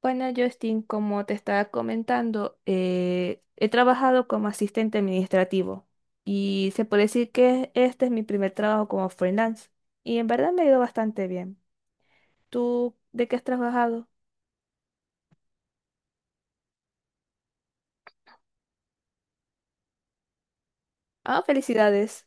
Bueno, Justin, como te estaba comentando, he trabajado como asistente administrativo y se puede decir que este es mi primer trabajo como freelance y en verdad me ha ido bastante bien. ¿Tú de qué has trabajado? Ah, felicidades.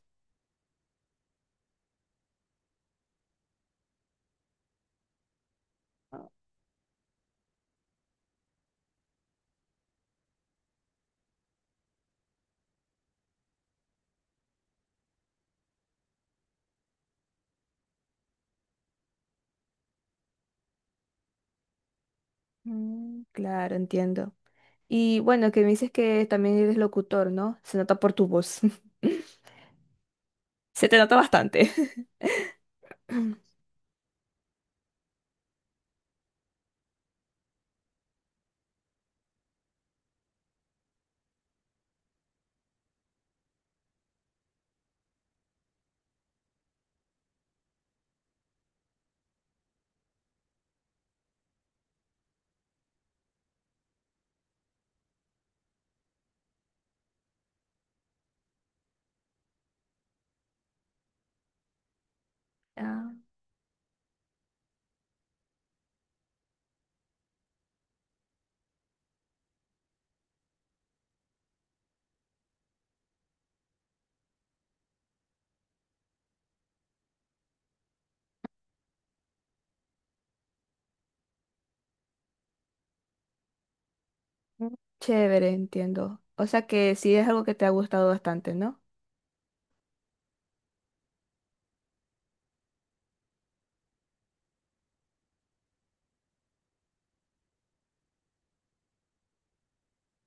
Mm, claro, entiendo. Y bueno, que me dices que también eres locutor, ¿no? Se nota por tu voz. Se te nota bastante. Ah, mm, chévere, entiendo. O sea que sí es algo que te ha gustado bastante, ¿no?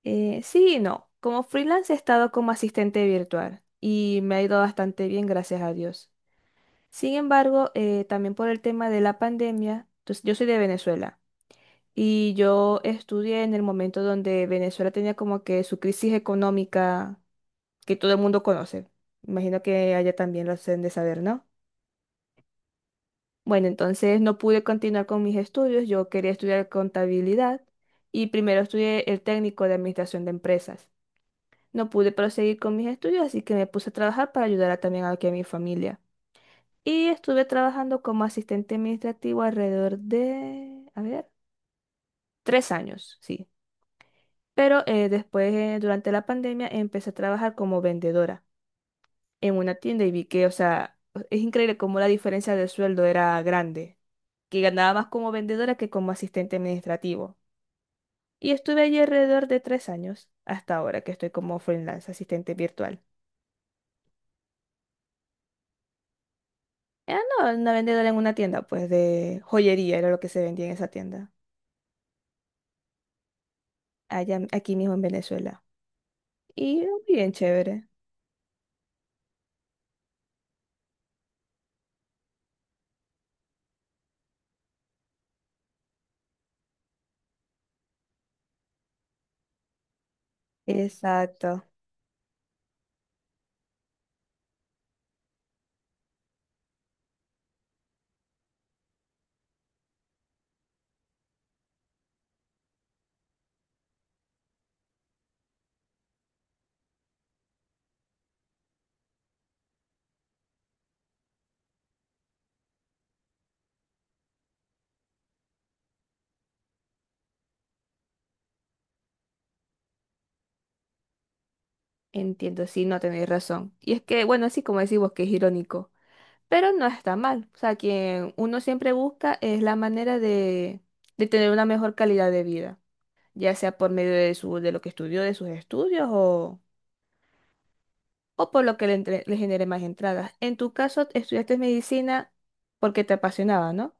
Sí y no. Como freelance he estado como asistente virtual y me ha ido bastante bien, gracias a Dios. Sin embargo, también por el tema de la pandemia, entonces, yo soy de Venezuela y yo estudié en el momento donde Venezuela tenía como que su crisis económica que todo el mundo conoce. Imagino que allá también lo hacen de saber, ¿no? Bueno, entonces no pude continuar con mis estudios. Yo quería estudiar contabilidad y primero estudié el técnico de administración de empresas. No pude proseguir con mis estudios, así que me puse a trabajar para ayudar a- también aquí a mi familia. Y estuve trabajando como asistente administrativo alrededor de, a ver, tres años, sí. Pero después, durante la pandemia, empecé a trabajar como vendedora en una tienda y vi que, o sea, es increíble cómo la diferencia de sueldo era grande, que ganaba más como vendedora que como asistente administrativo. Y estuve allí alrededor de tres años, hasta ahora que estoy como freelance, asistente virtual. Ah, no, una vendedora en una tienda, pues de joyería era lo que se vendía en esa tienda, allá, aquí mismo en Venezuela. Y muy bien chévere. Exacto, entiendo, sí, no tenéis razón. Y es que, bueno, así como decimos que es irónico, pero no está mal. O sea, quien uno siempre busca es la manera de tener una mejor calidad de vida, ya sea por medio de, su, de lo que estudió, de sus estudios o por lo que le, entre- le genere más entradas. En tu caso, estudiaste medicina porque te apasionaba, ¿no?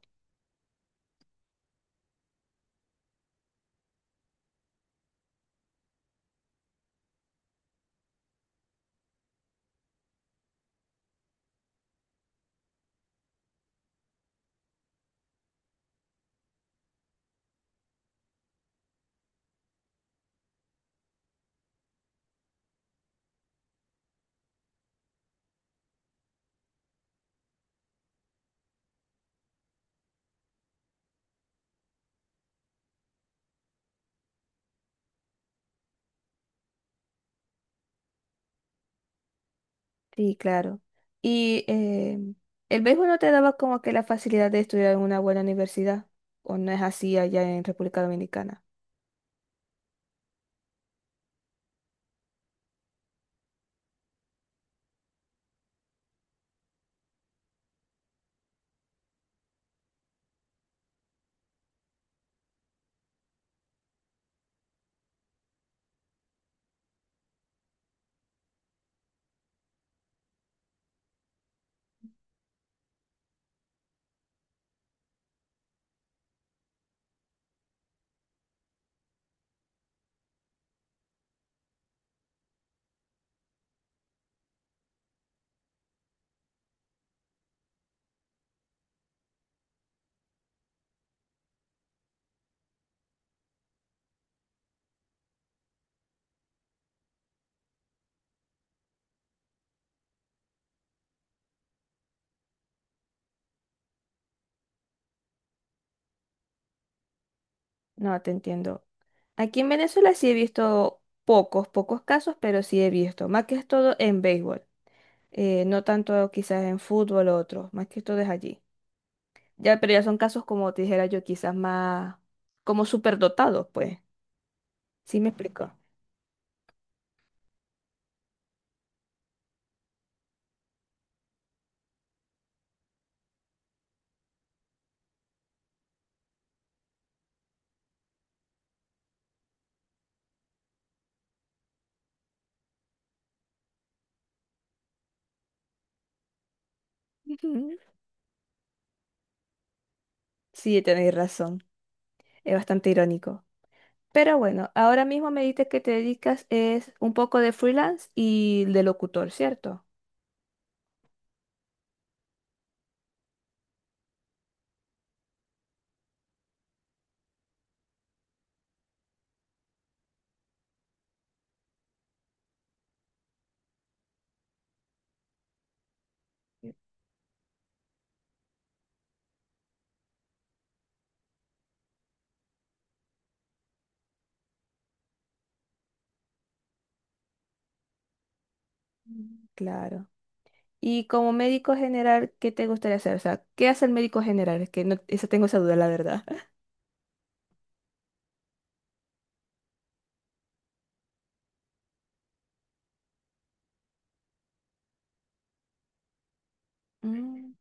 Sí, claro. Y el béisbol no te daba como que la facilidad de estudiar en una buena universidad, o no es así allá en República Dominicana. No, te entiendo. Aquí en Venezuela sí he visto pocos, pocos casos, pero sí he visto, más que todo en béisbol, no tanto quizás en fútbol o otros, más que todo es allí. Ya, pero ya son casos como te dijera yo, quizás más como superdotados, pues. ¿Sí me explico? Ujú. Sí, tenéis razón. Es bastante irónico. Pero bueno, ahora mismo me dices que te dedicas es un poco de freelance y de locutor, ¿cierto? Mm. Claro. Y como médico general, ¿qué te gustaría hacer? O sea, ¿qué hace el médico general? Es que no, esa tengo esa duda, la verdad. Mm,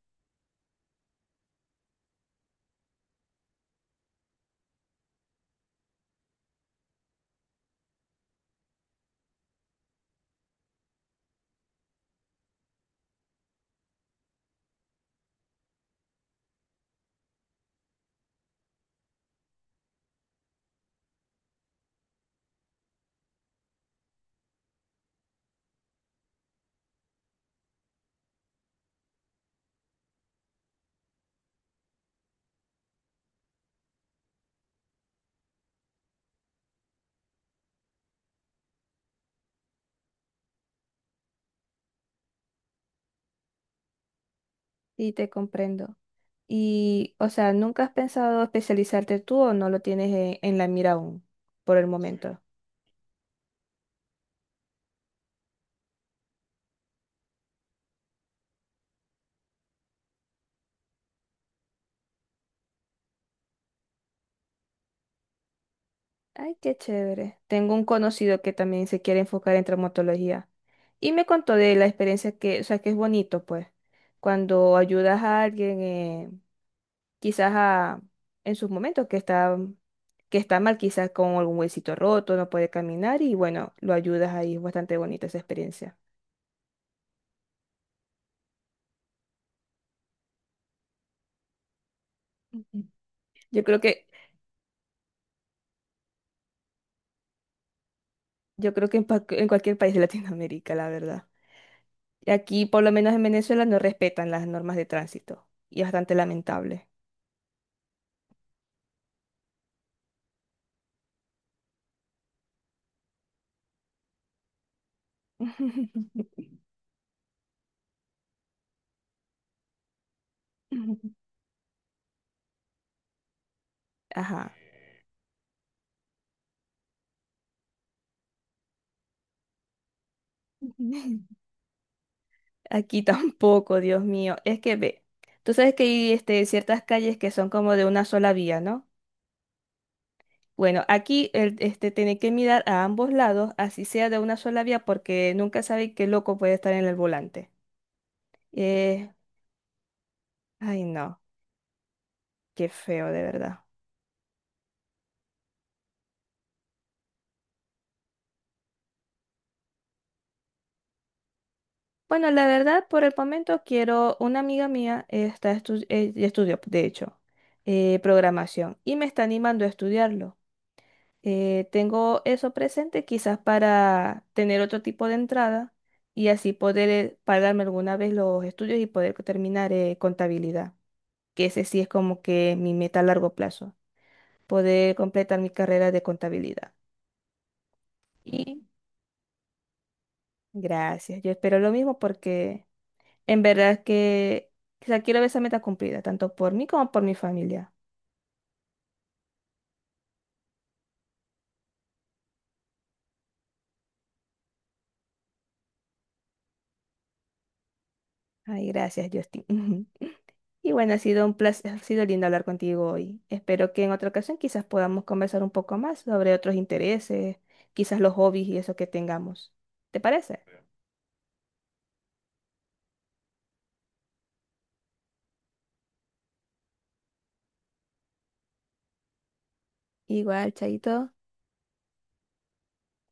sí, te comprendo. Y, o sea, ¿nunca has pensado especializarte tú o no lo tienes en la mira aún por el momento? Ay, qué chévere. Tengo un conocido que también se quiere enfocar en traumatología y me contó de la experiencia que, o sea, que es bonito, pues, cuando ayudas a alguien, quizás a, en sus momentos que está mal, quizás con algún huesito roto, no puede caminar y bueno, lo ayudas ahí. Es bastante bonita esa experiencia. Ujú. Yo creo que, yo creo que en, pa- en cualquier país de Latinoamérica, la verdad. Y aquí, por lo menos en Venezuela, no respetan las normas de tránsito y es bastante lamentable. Ajá. Aquí tampoco, Dios mío. Es que ve, tú sabes que hay este, ciertas calles que son como de una sola vía, ¿no? Bueno, aquí el, este, tiene que mirar a ambos lados, así sea de una sola vía, porque nunca sabe qué loco puede estar en el volante. Eh, ay, no, qué feo, de verdad. Bueno, la verdad, por el momento quiero, una amiga mía está estudió, de hecho, programación y me está animando a estudiarlo. Tengo eso presente quizás para tener otro tipo de entrada y así poder pagarme alguna vez los estudios y poder terminar contabilidad, que ese sí es como que mi meta a largo plazo, poder completar mi carrera de contabilidad. Y gracias, yo espero lo mismo porque en verdad que quizás quiero ver esa meta cumplida, tanto por mí como por mi familia. Ay, gracias, Justin. Y bueno, ha sido un placer, ha sido lindo hablar contigo hoy. Espero que en otra ocasión quizás podamos conversar un poco más sobre otros intereses, quizás los hobbies y eso que tengamos. ¿Te parece? Igual, Chaito.